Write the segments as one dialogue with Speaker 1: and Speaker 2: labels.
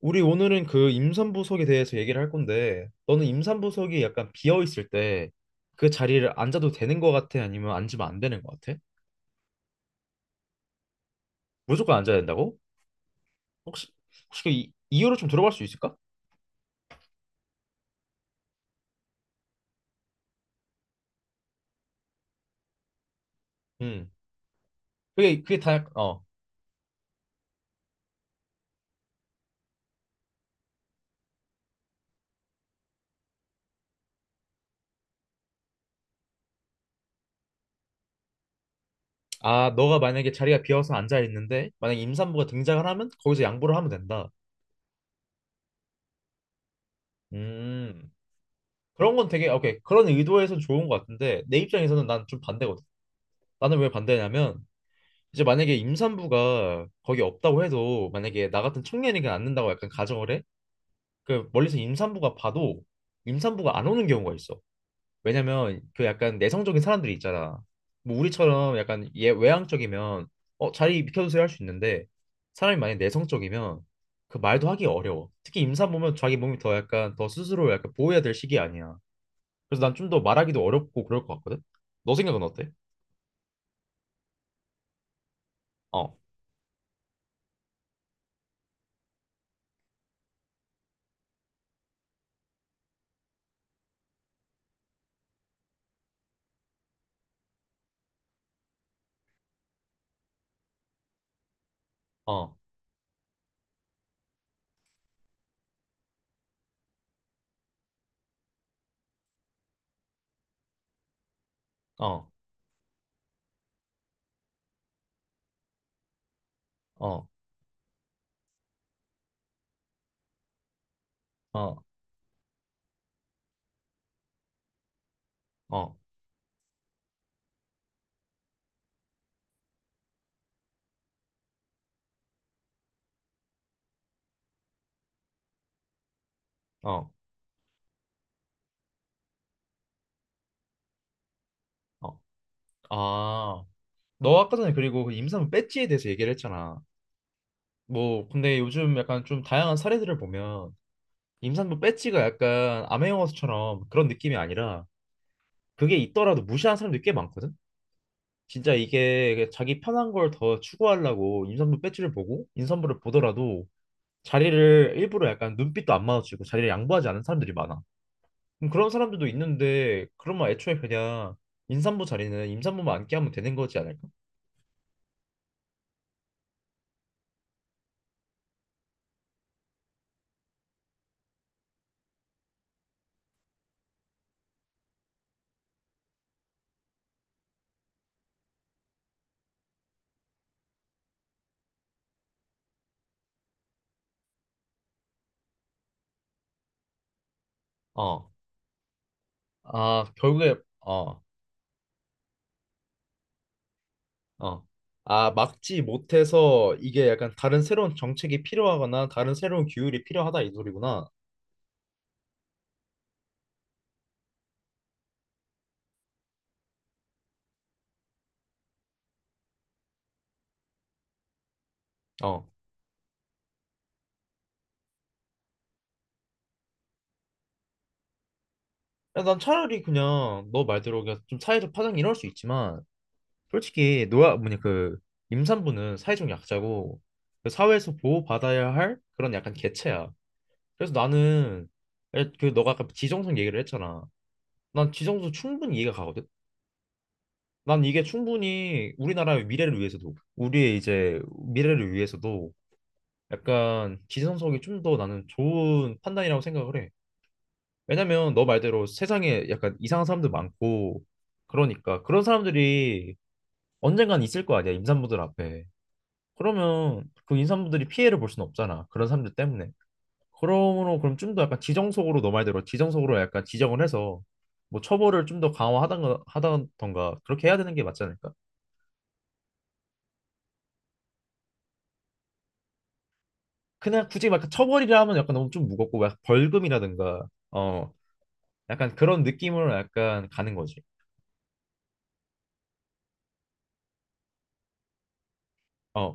Speaker 1: 우리 오늘은 그 임산부석에 대해서 얘기를 할 건데, 너는 임산부석이 약간 비어 있을 때 그 자리를 앉아도 되는 것 같아? 아니면 앉으면 안 되는 것 같아? 무조건 앉아야 된다고? 혹시 혹시 그 이유를 좀 들어볼 수 있을까? 음, 그게 다 약- 어. 아, 너가 만약에 자리가 비어서 앉아 있는데 만약에 임산부가 등장을 하면 거기서 양보를 하면 된다. 음, 그런 건 되게 오케이, 그런 의도에선 좋은 것 같은데 내 입장에서는 난 좀 반대거든. 나는 왜 반대냐면 이제 만약에 임산부가 거기 없다고 해도 만약에 나 같은 청년이 그냥 안 는다고 약간 가정을 해? 그 멀리서 임산부가 봐도 임산부가 안 오는 경우가 있어. 왜냐면 그 약간 내성적인 사람들이 있잖아. 뭐 우리처럼 약간 얘 외향적이면 어 자리 비켜주세요 할 수 있는데, 사람이 만약에 내성적이면 그 말도 하기 어려워. 특히 임산부면 자기 몸이 더 약간 더 스스로 약간 보호해야 될 시기 아니야. 그래서 난 좀 더 말하기도 어렵고 그럴 것 같거든. 너 생각은 어때? 어, 어, 어, 어, 어, 어. 어. 어. 아, 너 아까 전에 그리고 그 임산부 배지에 대해서 얘기를 했잖아. 뭐, 근데 요즘 약간 좀 다양한 사례들을 보면 임산부 배지가 약간 아메영화처럼 그런 느낌이 아니라 그게 있더라도 무시하는 사람들이 꽤 많거든? 진짜 이게 그 자기 편한 걸 더 추구하려고 임산부 배지를 보고 임산부를 보더라도 자리를 일부러 약간 눈빛도 안 마주치고 자리를 양보하지 않는 사람들이 많아. 그럼 그런 사람들도 있는데 그러면 애초에 그냥 임산부 자리는 임산부만 앉게 하면 되는 거지 않을까? 어. 아, 결국에 어, 어. 아, 막지 못해서 이게 약간 다른 새로운 정책이 필요하거나 다른 새로운 규율이 필요하다, 이 소리구나. 어. 야, 난 차라리 그냥 너 말대로 그냥 좀 사회적 파장이 일어날 수 있지만 솔직히 노아 뭐냐 그 임산부는 사회적 약자고 그 사회에서 보호받아야 할 그런 약간 개체야. 그래서 나는 에, 그 너가 아까 지정성 얘기를 했잖아. 난 지정성 충분히 이해가 가거든. 난 이게 충분히 우리나라의 미래를 위해서도 우리의 이제 미래를 위해서도 약간 기성석이 좀 더 나는 좋은 판단이라고 생각을 해. 왜냐면 너 말대로 세상에 약간 이상한 사람들 많고, 그러니까 그런 사람들이 언젠간 있을 거 아니야, 임산부들 앞에. 그러면 그 임산부들이 피해를 볼 수는 없잖아 그런 사람들 때문에. 그러므로 그럼 좀 더 약간 지정석으로 너 말대로 지정석으로 약간 지정을 해서 뭐 처벌을 좀 더 강화하던가 하던가, 그렇게 해야 되는 게 맞지 않을까? 그냥 굳이 막 처벌이라 하면 약간 너무 좀 무겁고 막 벌금이라든가 어 약간 그런 느낌으로 약간 가는 거지. 어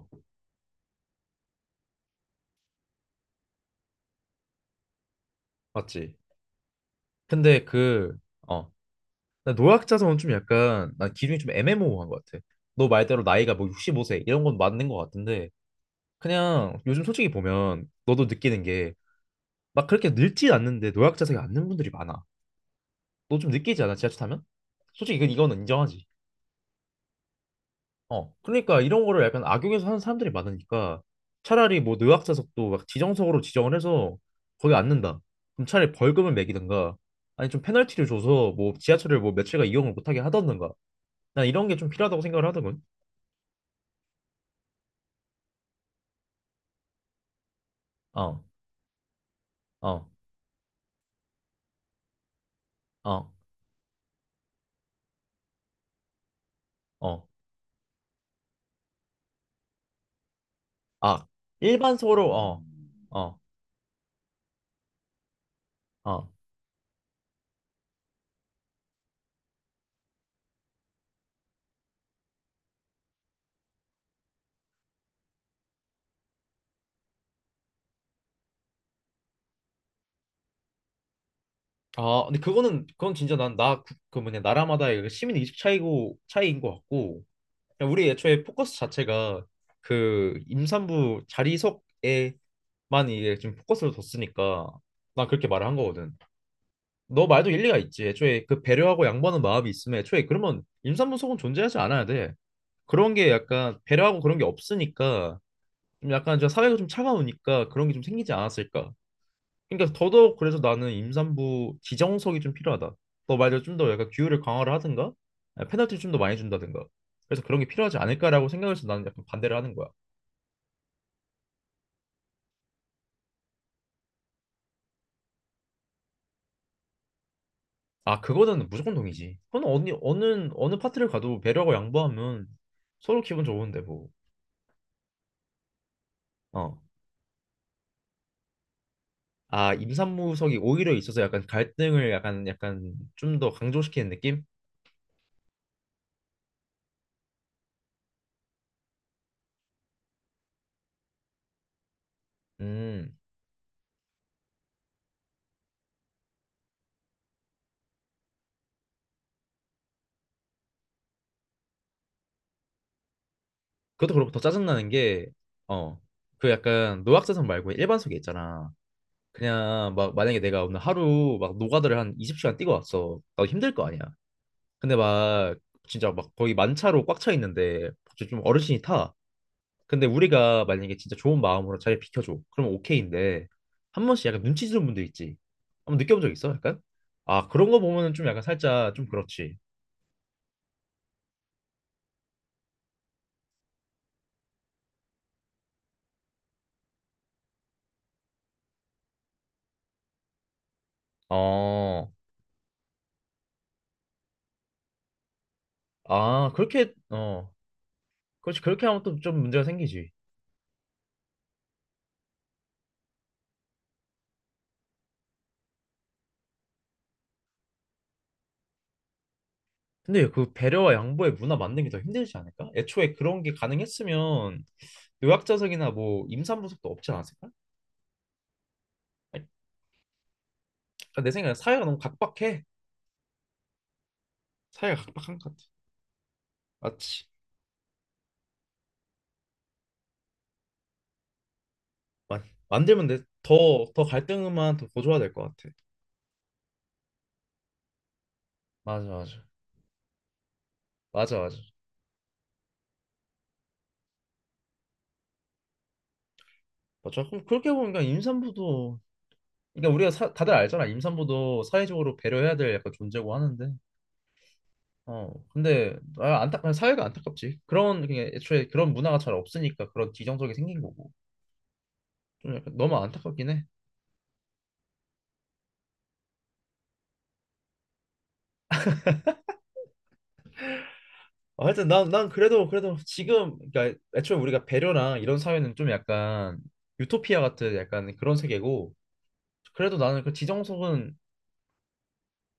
Speaker 1: 맞지. 근데 그어 노약자성은 좀 약간 난 기준이 좀 애매모호한 것 같아. 너 말대로 나이가 뭐 65세 이런 건 맞는 것 같은데 그냥 요즘 솔직히 보면 너도 느끼는 게 막 그렇게 늙진 않는데 노약자성이 않는 분들이 많아. 너 좀 느끼지 않아 지하철 타면? 솔직히 이건- 이거는 인정하지. 어, 그러니까 이런 거를 약간 악용해서 하는 사람들이 많으니까 차라리 뭐 노약자석도 막 지정석으로 지정을 해서 거기 앉는다. 그럼 차라리 벌금을 매기든가, 아니 좀 페널티를 줘서 뭐 지하철을 뭐 며칠간 이용을 못하게 하던가. 난 이런 게 좀 필요하다고 생각을 하더군. 어, 어, 어, 어, 아 일반석으로 어, 어, 어. 아 근데 그거는 그건 진짜 난 나 그 뭐냐, 나라마다의 그 시민 의식 차이고 차이인 것 같고, 그냥 우리 애초에 포커스 자체가 그 임산부 자리석에만 이게 지금 포커스를 뒀으니까 난 그렇게 말을 한 거거든. 너 말도 일리가 있지. 애초에 그 배려하고 양보하는 마음이 있으면 애초에 그러면 임산부 속은 존재하지 않아야 돼. 그런 게 약간 배려하고 그런 게 없으니까 좀 약간 저 사회가 좀 차가우니까 그런 게 좀 생기지 않았을까. 그러니까 더더욱 그래서 나는 임산부 지정석이 좀 필요하다. 너 말대로 좀 더 약간 규율을 강화를 하든가, 아니, 페널티를 좀 더 많이 준다든가. 그래서 그런 게 필요하지 않을까라고 생각해서 나는 약간 반대를 하는 거야. 아, 그거는 무조건 동의지. 그건 어느 어느 어느 파트를 가도 배려하고 양보하면 서로 기분 좋은데 뭐. 어. 아, 임산부석이 오히려 있어서 약간 갈등을 약간 약간 좀 더 강조시키는 느낌? 음. 그것도 그렇고 더 짜증나는 게 어. 그 약간 노약자석 말고 일반석이 있잖아. 그냥 막 만약에 내가 오늘 하루 막 노가다를 한 20시간 뛰고 왔어. 나도 힘들 거 아니야. 근데 막 진짜 막 거의 만차로 꽉 차 있는데 진짜 좀 어르신이 타. 근데 우리가 만약에 진짜 좋은 마음으로 자리 비켜줘. 그러면 오케이인데 한 번씩 약간 눈치 주는 분들 있지. 한번 느껴본 적 있어? 약간? 아 그런 거 보면은 좀 약간 살짝 좀 그렇지. 어. 아 그렇게 어. 그렇지, 그렇게 하면 또 좀 문제가 생기지. 근데 그 배려와 양보의 문화 만드는 게 더 힘들지 않을까? 애초에 그런 게 가능했으면 요약자석이나 뭐 임산부석도 없지 않았을까? 아니, 그러니까 내 생각에 사회가 너무 각박해. 사회가 각박한 것 같아. 맞지? 마, 만들면 돼. 더, 더 갈등만 더 고조화 될것 같아. 맞아, 맞아. 맞아, 맞아. 맞아. 그럼 그렇게 보니까 임산부도 그러니까 우리가 사- 다들 알잖아. 임산부도 사회적으로 배려해야 될 약간 존재고 하는데. 어, 근데 아, 안타 사회가 안타깝지. 그런 그냥 애초에 그런 문화가 잘 없으니까 그런 지정적이 생긴 거고. 좀 약간 너무 안타깝긴 해. 아, 하여튼 난 그래도 그래도 지금 그러니까 애초에 우리가 배려나 이런 사회는 좀 약간 유토피아 같은 약간 그런 세계고, 그래도 나는 그 지정석은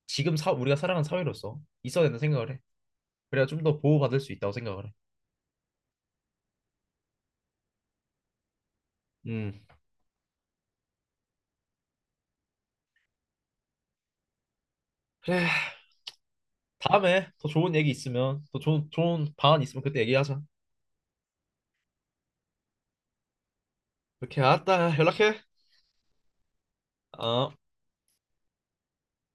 Speaker 1: 지금 사, 우리가 살아가는 사회로서 있어야 된다 생각을 해. 그래야 좀 더 보호받을 수 있다고 생각을 해. 음, 그래. 다음에 더 좋은 얘기 있으면 또 좋은 좋은 방안 있으면 그때 얘기하자. 오케이, 알았다. 연락해. 어.